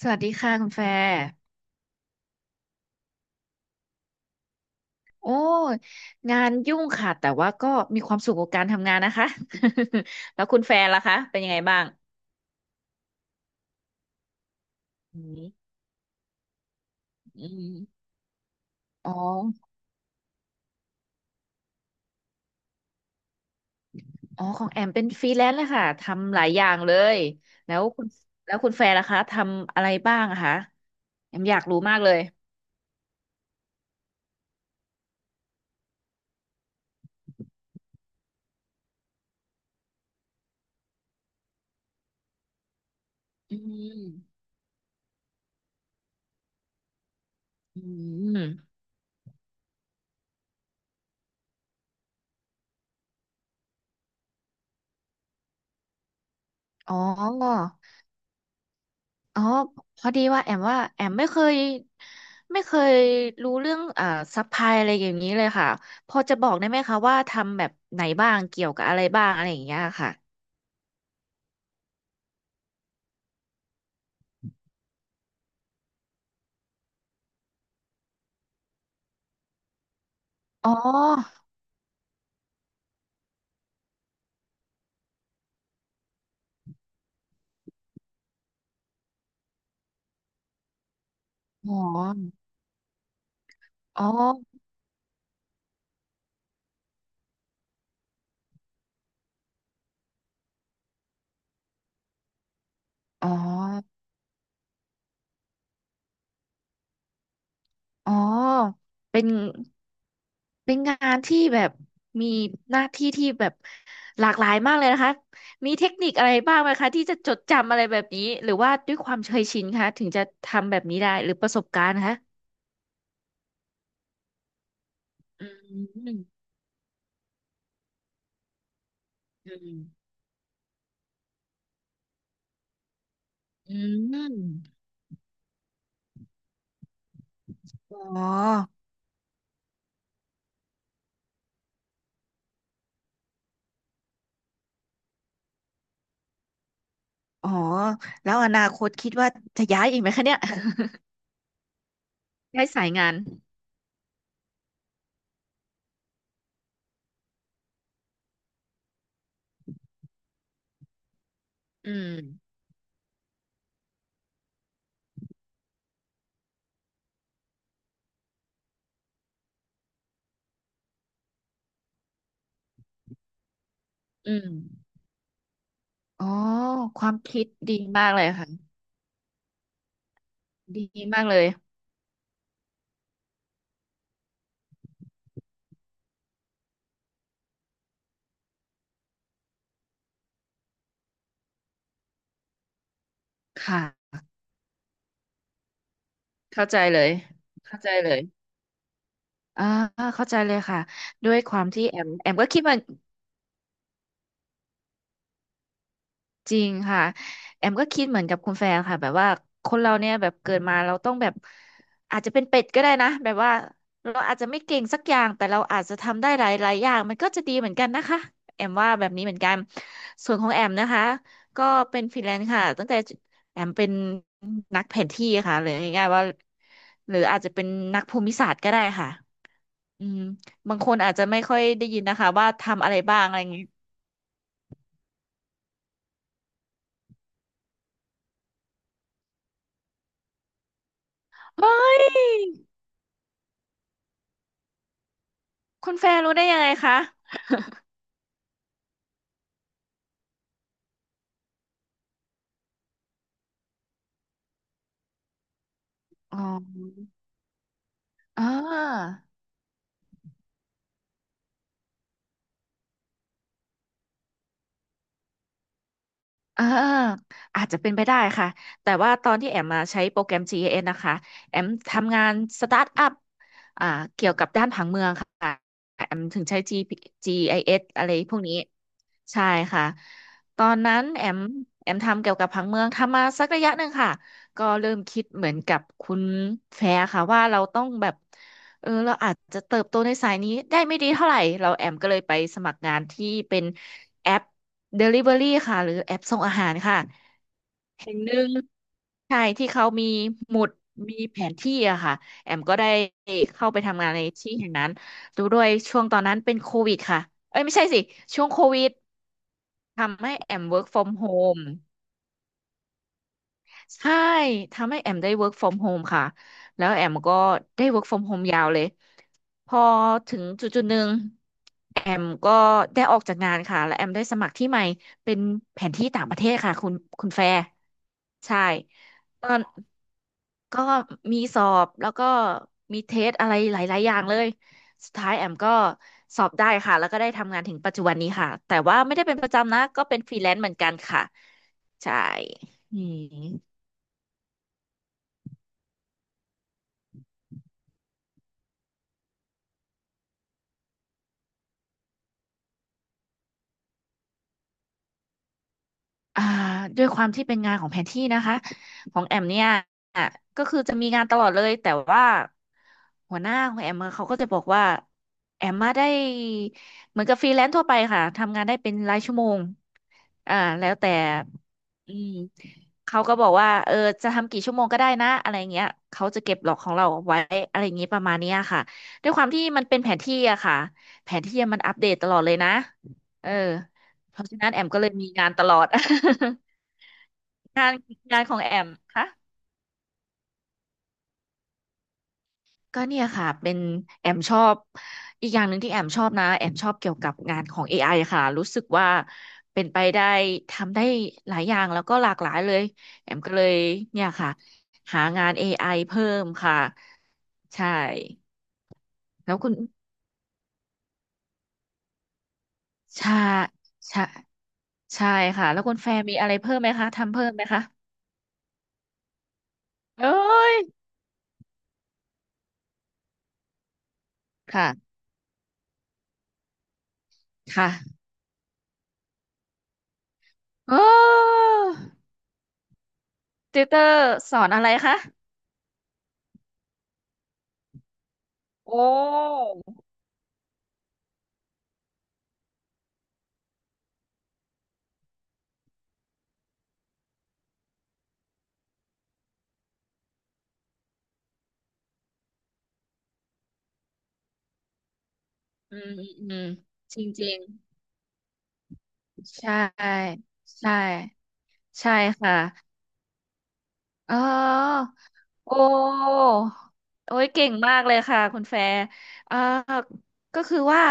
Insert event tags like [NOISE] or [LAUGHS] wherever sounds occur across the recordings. สวัสดีค่ะคุณแฟร์โอ้ยงานยุ่งค่ะแต่ว่าก็มีความสุขกับการทำงานนะคะ [LAUGHS] แล้วคุณแฟร์ล่ะคะเป็นยังไงบ้างอืมอืม อ๋ออ๋อของแอมเป็นฟรีแลนซ์เลยค่ะทำหลายอย่างเลย แล้วคุณแล้วคุณแฟร์ล่ะคะทำอะไรบ้างอะคะแอมอยากรู้มากเลย อืมอืมอ๋อ อ๋อพอดีว่าแอมว่าแอมไม่เคยรู้เรื่องซัพพลายอะไรอย่างนี้เลยค่ะพอจะบอกได้ไหมคะว่าทำแบบไหนบ้างเกี่ยวกับอะไรบ้างอะไรอย่างเงี้ยค่ะอ๋ออ๋ออ๋ออ๋ออ๋อเป็นเป็นงานที่แบบมีหน้าที่ที่แบบหลากหลายมากเลยนะคะมีเทคนิคอะไรบ้างไหมคะที่จะจดจำอะไรแบบนี้หรือว่าด้วยความเคยชินคะถึงจะทำแบบนี้ได้หรือประสบการณ์คะอืมอืม อืม อ๋อ อ๋อ แล้วอนาคตคิดว่าจะย้ายอีกไหมคะเนี่ย [LAUGHS] ได้า [LAUGHS] ยสายงานอืมอืมอ๋อ ความคิดดีมากเลยค่ะ ดีมากเลยค่ะ เข้าใจเลย เข้าใจเลยอ่าเข้าใจเลยค่ะ ด้วยความที่แอมก็คิดว่า จริงค่ะแอมก็คิดเหมือนกับคุณแฟร์ค่ะแบบว่าคนเราเนี่ยแบบเกิดมาเราต้องแบบอาจจะเป็นเป็ดก็ได้นะแบบว่าเราอาจจะไม่เก่งสักอย่างแต่เราอาจจะทำได้หลายหลายอย่างมันก็จะดีเหมือนกันนะคะแอมว่าแบบนี้เหมือนกันส่วนของแอมนะคะก็เป็นฟรีแลนซ์ค่ะตั้งแต่แอมเป็นนักแผนที่ค่ะหรือง่ายๆว่าหรืออาจจะเป็นนักภูมิศาสตร์ก็ได้ค่ะอืมบางคนอาจจะไม่ค่อยได้ยินนะคะว่าทำอะไรบ้างอะไรอย่างงี้เฮ้ยคุณแฟร์รู้ได้ยังไงคะ อ๋ออ่าอ่าอาจจะเป็นไปได้ค่ะ แต่ว่าตอนที่แอมมาใช้โปรแกรม GIS นะคะ แอมทำงานสตาร์ทอัพอ่าเกี่ยวกับด้านผังเมืองค่ะ แอมถึงใช้ G i s อเอสอะไรพวกนี้ ใช่ค่ะ ตอนนั้นแอมทำเกี่ยวกับผังเมืองทำมาสักระยะหนึ่งค่ะ ก็เริ่มคิดเหมือนกับคุณแฟร์ค่ะว่าเราต้องแบบ เออเราอาจจะเติบโตในสายนี้ได้ไม่ดีเท่าไหร่เราแอมก็เลยไปสมัครงานที่เป็นแอป Delivery ค่ะหรือแอปส่งอาหารค่ะแห่งหนึ่งใช่ที่เขามีหมุดมีแผนที่อะค่ะแอมก็ได้เข้าไปทำงานในที่แห่งนั้นดูด้วยช่วงตอนนั้นเป็นโควิดค่ะเอ้ยไม่ใช่สิช่วงโควิดทำให้แอม work from home ใช่ทำให้แอมได้ work from home ค่ะแล้วแอมก็ได้ work from home ยาวเลยพอถึงจุดจุดหนึ่งแอมก็ได้ออกจากงานค่ะและแอมได้สมัครที่ใหม่เป็นแผนที่ต่างประเทศค่ะคุณแฟร์ใช่ตอนก็มีสอบแล้วก็มีเทสอะไรหลายๆอย่างเลยสุดท้ายแอมก็สอบได้ค่ะแล้วก็ได้ทำงานถึงปัจจุบันนี้ค่ะแต่ว่าไม่ได้เป็นประจำนะก็เป็นฟรีแลนซ์เหมือนกันค่ะใช่อืม อ่าด้วยความที่เป็นงานของแผนที่นะคะของแอมเนี่ยก็คือจะมีงานตลอดเลยแต่ว่าหัวหน้าของแอมอเขาก็จะบอกว่าแอมมาได้เหมือนกับฟรีแลนซ์ทั่วไปค่ะทำงานได้เป็นรายชั่วโมงอ่าแล้วแต่อืม เขาก็บอกว่าเออจะทำกี่ชั่วโมงก็ได้นะอะไรเงี้ยเขาจะเก็บหลอกของเราไว้อะไรอย่างงี้ประมาณเนี้ยค่ะด้วยความที่มันเป็นแผนที่อะค่ะแผนที่มันอัปเดตตลอดเลยนะเออเพราะฉะนั้นแอมก็เลยมีงานตลอด [LAUGHS] งานของแอมค่ะ ก็เนี่ยค่ะเป็นแอมชอบอีกอย่างหนึ่งที่แอมชอบนะแอมชอบเกี่ยวกับงานของ AI ค่ะรู้สึกว่าเป็นไปได้ทำได้หลายอย่างแล้วก็หลากหลายเลยแอมก็เลยเนี่ยค่ะหางาน AI เพิ่มค่ะใช่แล้วคุณชาชาใช่ค่ะแล้วคุณแฟร์มีอะไรเพิ่มไหมคะทำเพิ่มไหมคะเอ้ยค่ะค่ะโอ้ติวเตอร์สอนอะไรคะโอ้อืมอืมอืมจริงจริง ใช่ใช่ใช่ค่ะอ๋อโอ้โอ้ยเก่งมากเลยค่ะคุณแฟร์เอ่อก็คือว่า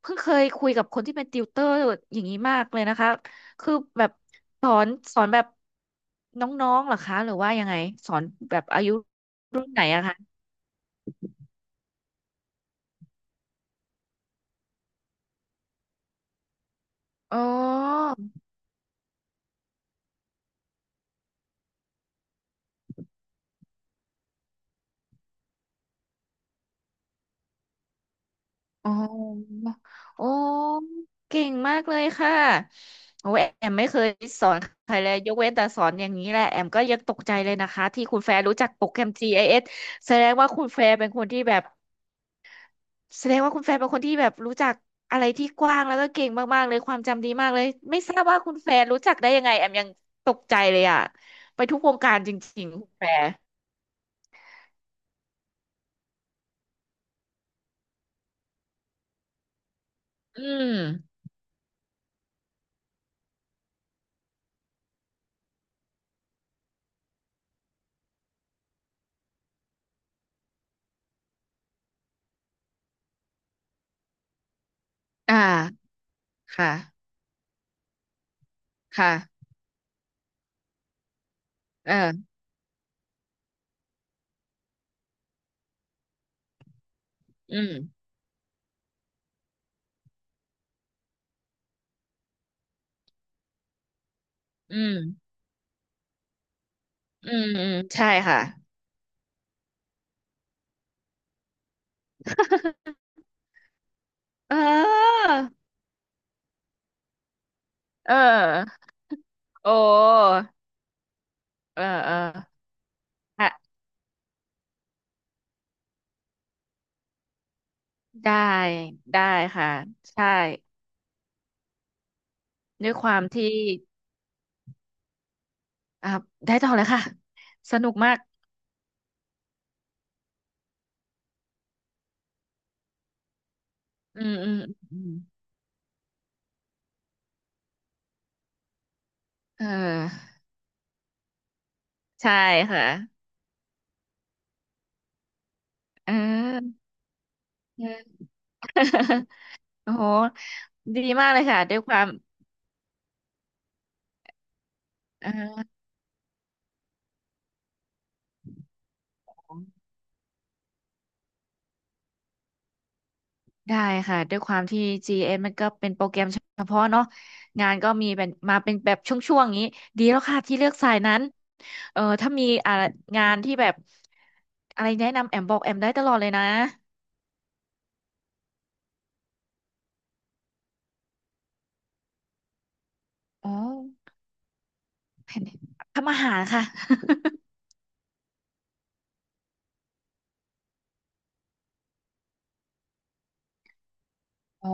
เพิ่งเคยคุยกับคนที่เป็นติวเตอร์อย่างนี้มากเลยนะคะคือแบบสอนสอนแบบน้องๆเหรอคะหรือว่ายังไงสอนแบบอายุรุ่นไหนอะคะอ๋อ อ๋อโอ้เก่งมากเลยค่ะโอ้ยแอมไม่เคยสอนใครเลยยกเว้นแต่สอนอย่างนี้แหละแอมก็ยังตกใจเลยนะคะที่คุณแฟร์รู้จักโปรแกรม GIS แสดงว่าคุณแฟร์เป็นคนที่แบบแสดงว่าคุณแฟร์เป็นคนที่แบบรู้จักอะไรที่กว้างแล้วก็เก่งมากๆเลยความจำดีมากเลยไม่ทราบว่าคุณแฟร์รู้จักได้ยังไงแอมยังตกใจเลยอะไปทุกวงการจริงๆคุณแฟร์อืม อ่าค่ะ ค่ะเอออืมอืม อืมอืมใช่ค่ะ [LAUGHS] เออเออโอ้เออเออฮะได้ได้ค่ะใช่ด้วยความที่อ่าได้ต่อเลยค่ะสนุกมากอืมอืมอืมเออใช่ค่ะเออเออ [LAUGHS] โอ้โหดีมากเลยค่ะด้วยความเออ ได้ค่ะด้วยความที่ GS มันก็เป็นโปรแกรมเฉพาะเนาะงานก็มีเป็นมาเป็นแบบช่วงๆอย่างนี้ดีแล้วค่ะที่เลือกสายนั้นเออถ้ามีงานที่แบบอะไรแนะนำแอมบอกแอมได้ตลอดเลยนะอ๋อแผนทำอาหารค่ะ [LAUGHS] อ๋อ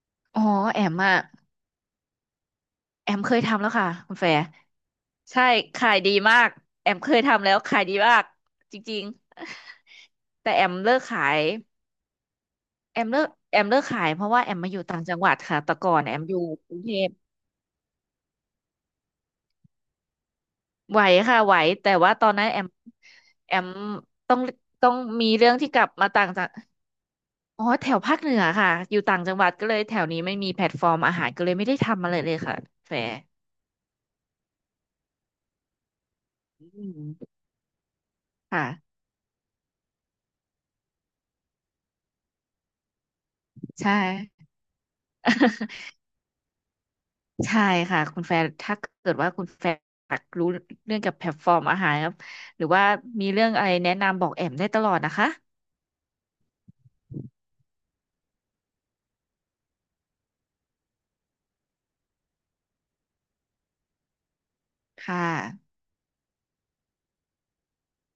[LAUGHS] อ๋อแอมอะแอมเคยทำแล้วค่ะคุณแฟร์ใช่ขายดีมากแอมเคยทำแล้วขายดีมากจริงๆแต่แอมเลิกขาย แอมเลิกแอมเลิกขายเพราะว่าแอมมาอยู่ต่างจังหวัดค่ะแต่ก่อนแอมอยู่กรุงเทพไหวค่ะไหวแต่ว่าตอนนั้นแอมต้องต้องมีเรื่องที่กลับมาต่างจังอ๋อแถวภาคเหนือค่ะอยู่ต่างจังหวัดก็เลยแถวนี้ไม่มีแพลตฟอร์มอาหารก็เลยไม่ได้ทำอะไรเลยค่ะแฟร์อืมค่ะใช่ [LAUGHS] ใช่ค่ะคุณแฟร์ถ้าเกิดว่าคุณแฟร์อยากรู้เรื่องกับแพลตฟอร์มอาหารครับหรือว่ามีเรื่องอะไรแนะนำบอกแอมได้ตลอดนะคะค่ะ